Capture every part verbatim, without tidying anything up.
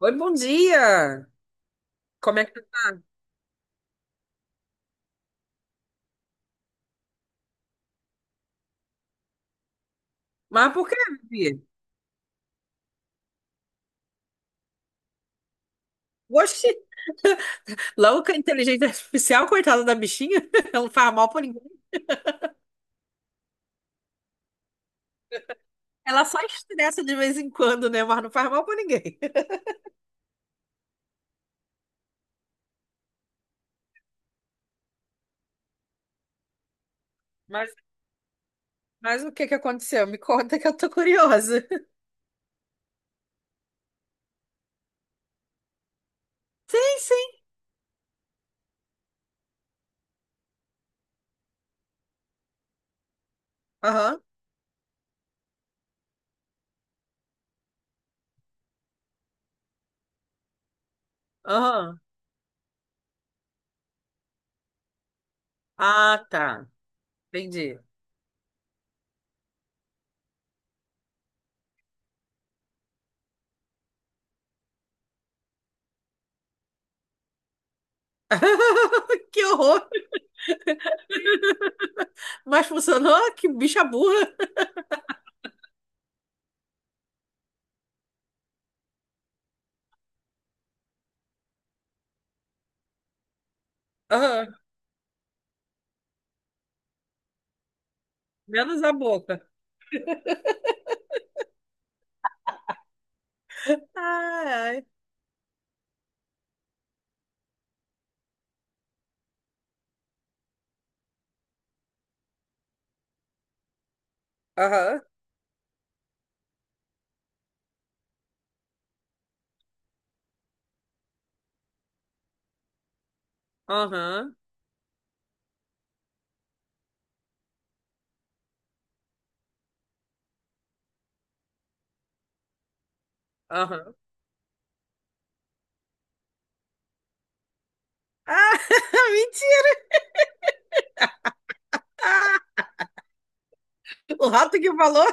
Oi, bom dia! Como é que tu tá? Mas por quê? Bia? Oxi, logo inteligência artificial, coitada da bichinha, ela não faz mal pra ninguém. Ela só estressa de vez em quando, né? Mas não faz mal pra ninguém. Mas, mas o que que aconteceu? Me conta que eu tô curiosa. Sim, sim. Aham, aham. Ah, tá. Entendi. Que horror! Mas funcionou? Que bicha burra! Aham, menos a boca. Ai, ai. Aham, aham, aham. Ah, mentira! O rato que falou.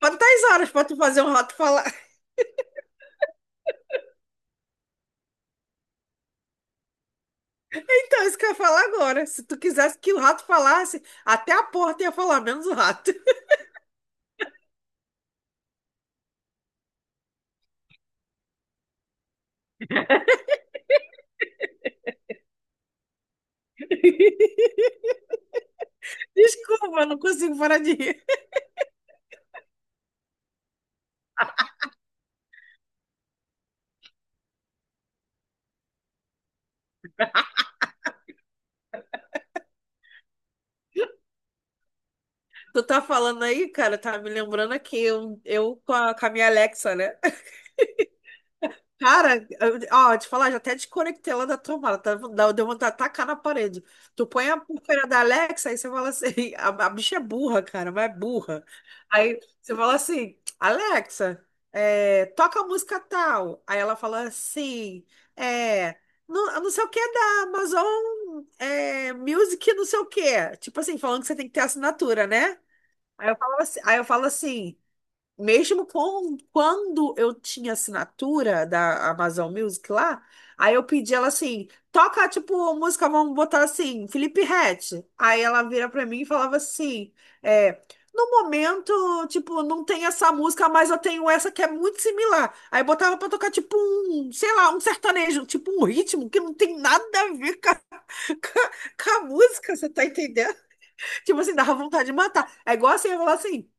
Quantas horas para tu fazer um rato falar? Então, isso que eu ia falar agora. Se tu quisesse que o rato falasse, até a porta ia falar, menos o rato. Desculpa, eu não consigo parar de rir. Tu tá falando aí, cara, tá me lembrando aqui, eu, eu com a, com a minha Alexa, né? Cara, eu- ó, te falar, já até desconectei ela da tomada, tá, dá- deu vontade de tacar na parede. Tu põe a porcaria da Alexa, aí você fala assim, a, a bicha é burra, cara, mas é burra. Aí você fala assim, Alexa, é, toca a música tal. Aí ela fala assim, é, não, não sei o que é da Amazon é, Music, não sei o que. Tipo assim, falando que você tem que ter assinatura, né? Aí eu falo assim, aí eu falo assim. Mesmo com, quando eu tinha assinatura da Amazon Music lá, aí eu pedi ela assim, toca tipo música, vamos botar assim, Felipe Ret. Aí ela vira pra mim e falava assim, é, no momento, tipo, não tem essa música, mas eu tenho essa que é muito similar. Aí botava pra tocar tipo um, sei lá, um sertanejo, tipo um ritmo que não tem nada a ver com a, com a- com a música, você tá entendendo? Tipo assim, dava vontade de matar. É igual assim, eu falar assim,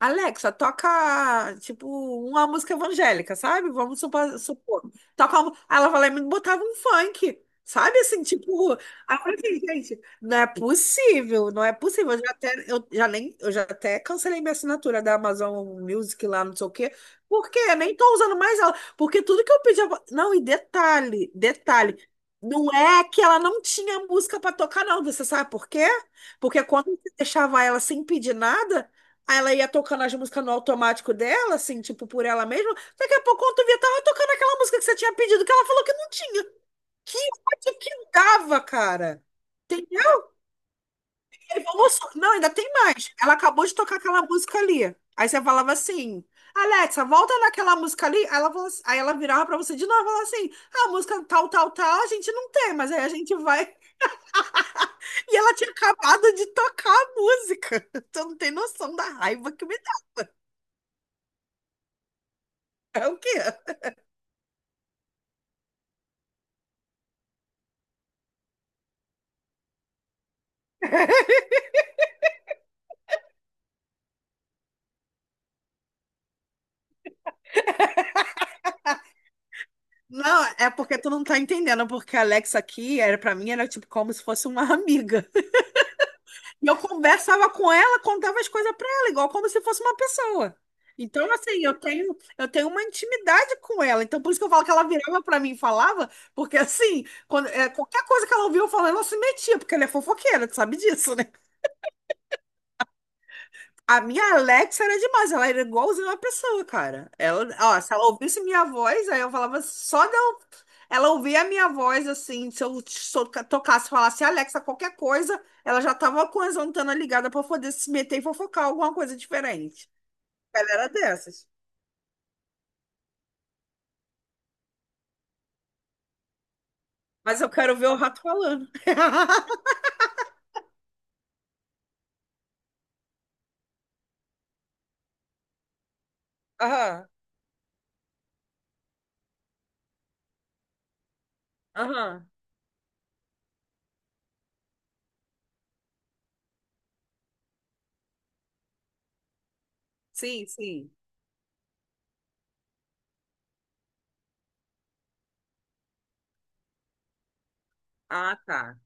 Alexa, toca, tipo, uma música evangélica, sabe? Vamos supor. supor. Toca uma. Aí ela vai lá e me botava um funk, sabe? Assim, tipo. Aí eu falei assim, gente, não é possível, não é possível. Eu já até, eu já nem, eu já até cancelei minha assinatura da Amazon Music lá, não sei o quê. Porque eu nem tô usando mais ela. Porque tudo que eu pedia. Não, e detalhe, detalhe. Não é que ela não tinha música pra tocar, não. Você sabe por quê? Porque quando você deixava ela sem pedir nada. Aí ela ia tocando as músicas no automático dela, assim, tipo, por ela mesma. Daqui a pouco, quando tu via, tava tocando aquela música que você tinha pedido, que ela falou que não tinha. Que ódio que dava, cara. Tem. Ai, vamos só- não, ainda tem mais. Ela acabou de tocar aquela música ali. Aí você falava assim, Alexa, volta naquela música ali. Aí ela, falou assim- aí ela virava pra você de novo e falava assim, a música tal, tal, tal, a gente não tem, mas aí a gente vai. E ela tinha acabado de tocar a música. Tu não tem noção da raiva que me dá. É o quê? Não, é porque tu não tá entendendo, porque a Alexa aqui era para mim era tipo como se fosse uma amiga. E eu conversava com ela, contava as coisas para ela, igual como se fosse uma pessoa. Então, assim, eu tenho eu tenho uma intimidade com ela. Então, por isso que eu falo que ela virava para mim e falava, porque assim, quando, é, qualquer coisa que ela ouvia eu falando ela se metia, porque ela é fofoqueira, tu sabe disso, né? A minha Alexa era demais, ela era igualzinha uma pessoa, cara. Ela, ó, se ela ouvisse minha voz, aí eu falava só de eu. Ela ouvia a minha voz, assim, se eu so- tocasse, falasse Alexa, qualquer coisa, ela já tava com as antenas ligadas pra poder se meter e fofocar alguma coisa diferente. Ela era dessas. Mas eu quero ver o rato falando. Aham, aham. Sim, sim. Ah, tá.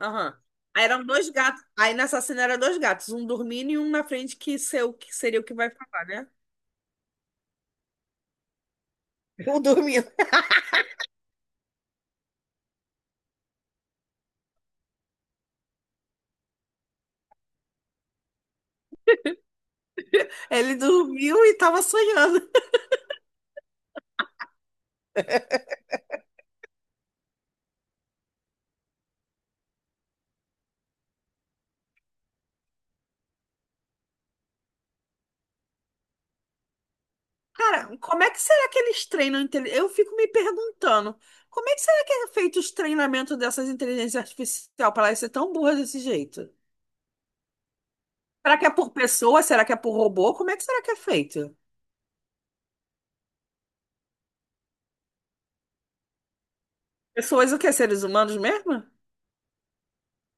Aham. Aí eram dois gatos. Aí nessa cena eram dois gatos, um dormindo e um na frente, que, seu, que seria o que vai falar, né? Eu dormindo. Ele dormiu e estava sonhando. Cara, como é que será que eles treinam? intele- Eu fico me perguntando, como é que será que é feito os treinamentos dessas inteligências artificiais para elas ser tão burras desse jeito? Será que é por pessoa? Será que é por robô? Como é que será que é feito? Pessoas o quê? Seres humanos mesmo?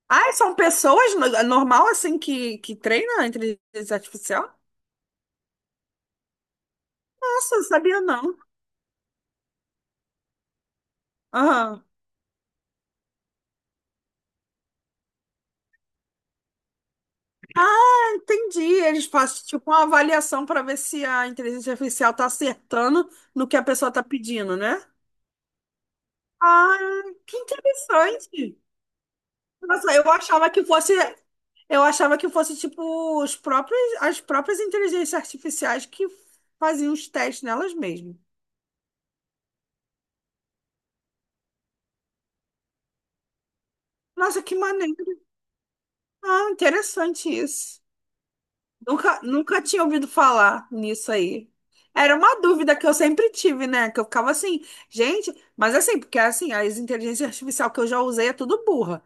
Ah, são pessoas no- normal assim que, que treinam a inteligência artificial? Nossa, eu sabia não. Aham. Ah, entendi. Eles fazem tipo uma avaliação para ver se a inteligência artificial está acertando no que a pessoa está pedindo, né? Ah, que interessante. Nossa, eu achava que fosse, eu achava que fosse tipo os próprios, as próprias inteligências artificiais que faziam os testes nelas mesmas. Nossa, que maneiro. Ah, interessante isso. Nunca, nunca tinha ouvido falar nisso aí. Era uma dúvida que eu sempre tive, né? Que eu ficava assim, gente, mas assim, porque assim, as inteligências artificial que eu já usei é tudo burra.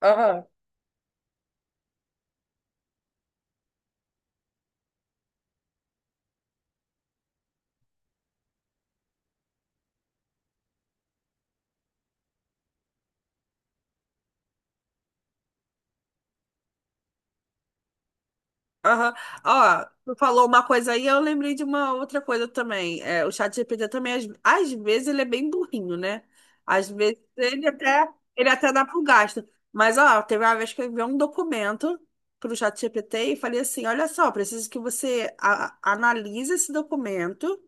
Aham. Aham. Ó, tu falou uma coisa aí, eu lembrei de uma outra coisa também. É, o ChatGPT também, às, às vezes, ele é bem burrinho, né? Às vezes ele até, ele até dá pro gasto. Mas, ó, teve uma vez que eu enviei um documento pro ChatGPT e falei assim: olha só, preciso que você a- analise esse documento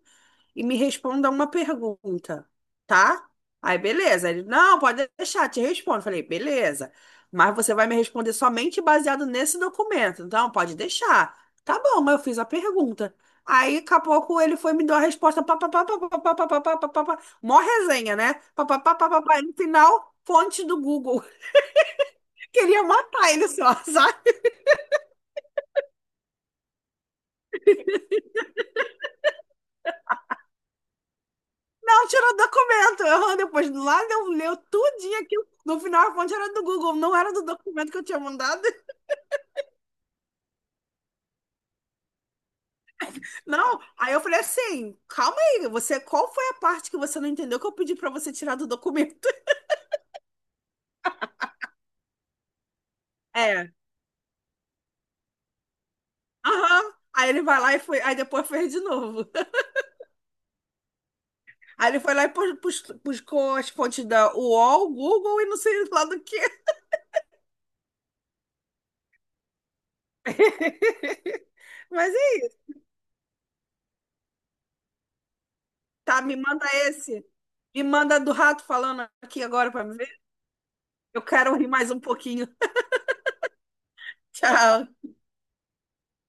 e me responda uma pergunta, tá? Aí, beleza. Ele, não, pode deixar, te respondo. Eu falei, beleza. Mas você vai me responder somente baseado nesse documento. Então, pode deixar. Tá bom, mas eu fiz a pergunta. Aí, daqui a pouco, ele foi e me dar a resposta. Pá, pá, pá, pá, pá, pá, pá, pá, pá, pá, pá, pá. Mó resenha, né? Pá, pá, pá, pá, pá, pá. E no final, fonte do Google. Queria matar ele só, sabe? Não, tirou o documento. Eu, depois, lá, leu, leu tudinho aquilo. No final, a fonte era do Google, não era do documento que eu tinha mandado. Não, aí eu falei assim, calma aí, você, qual foi a parte que você não entendeu que eu pedi pra você tirar do documento? É, aham. Aí ele vai lá e foi, aí depois fez de novo. Aí ele foi lá e pus- pus- buscou as fontes da UOL, Google e não sei lá do que. Mas e aí, tá, me manda esse. Me manda do rato falando aqui agora pra me ver. Eu quero rir mais um pouquinho. Tchau.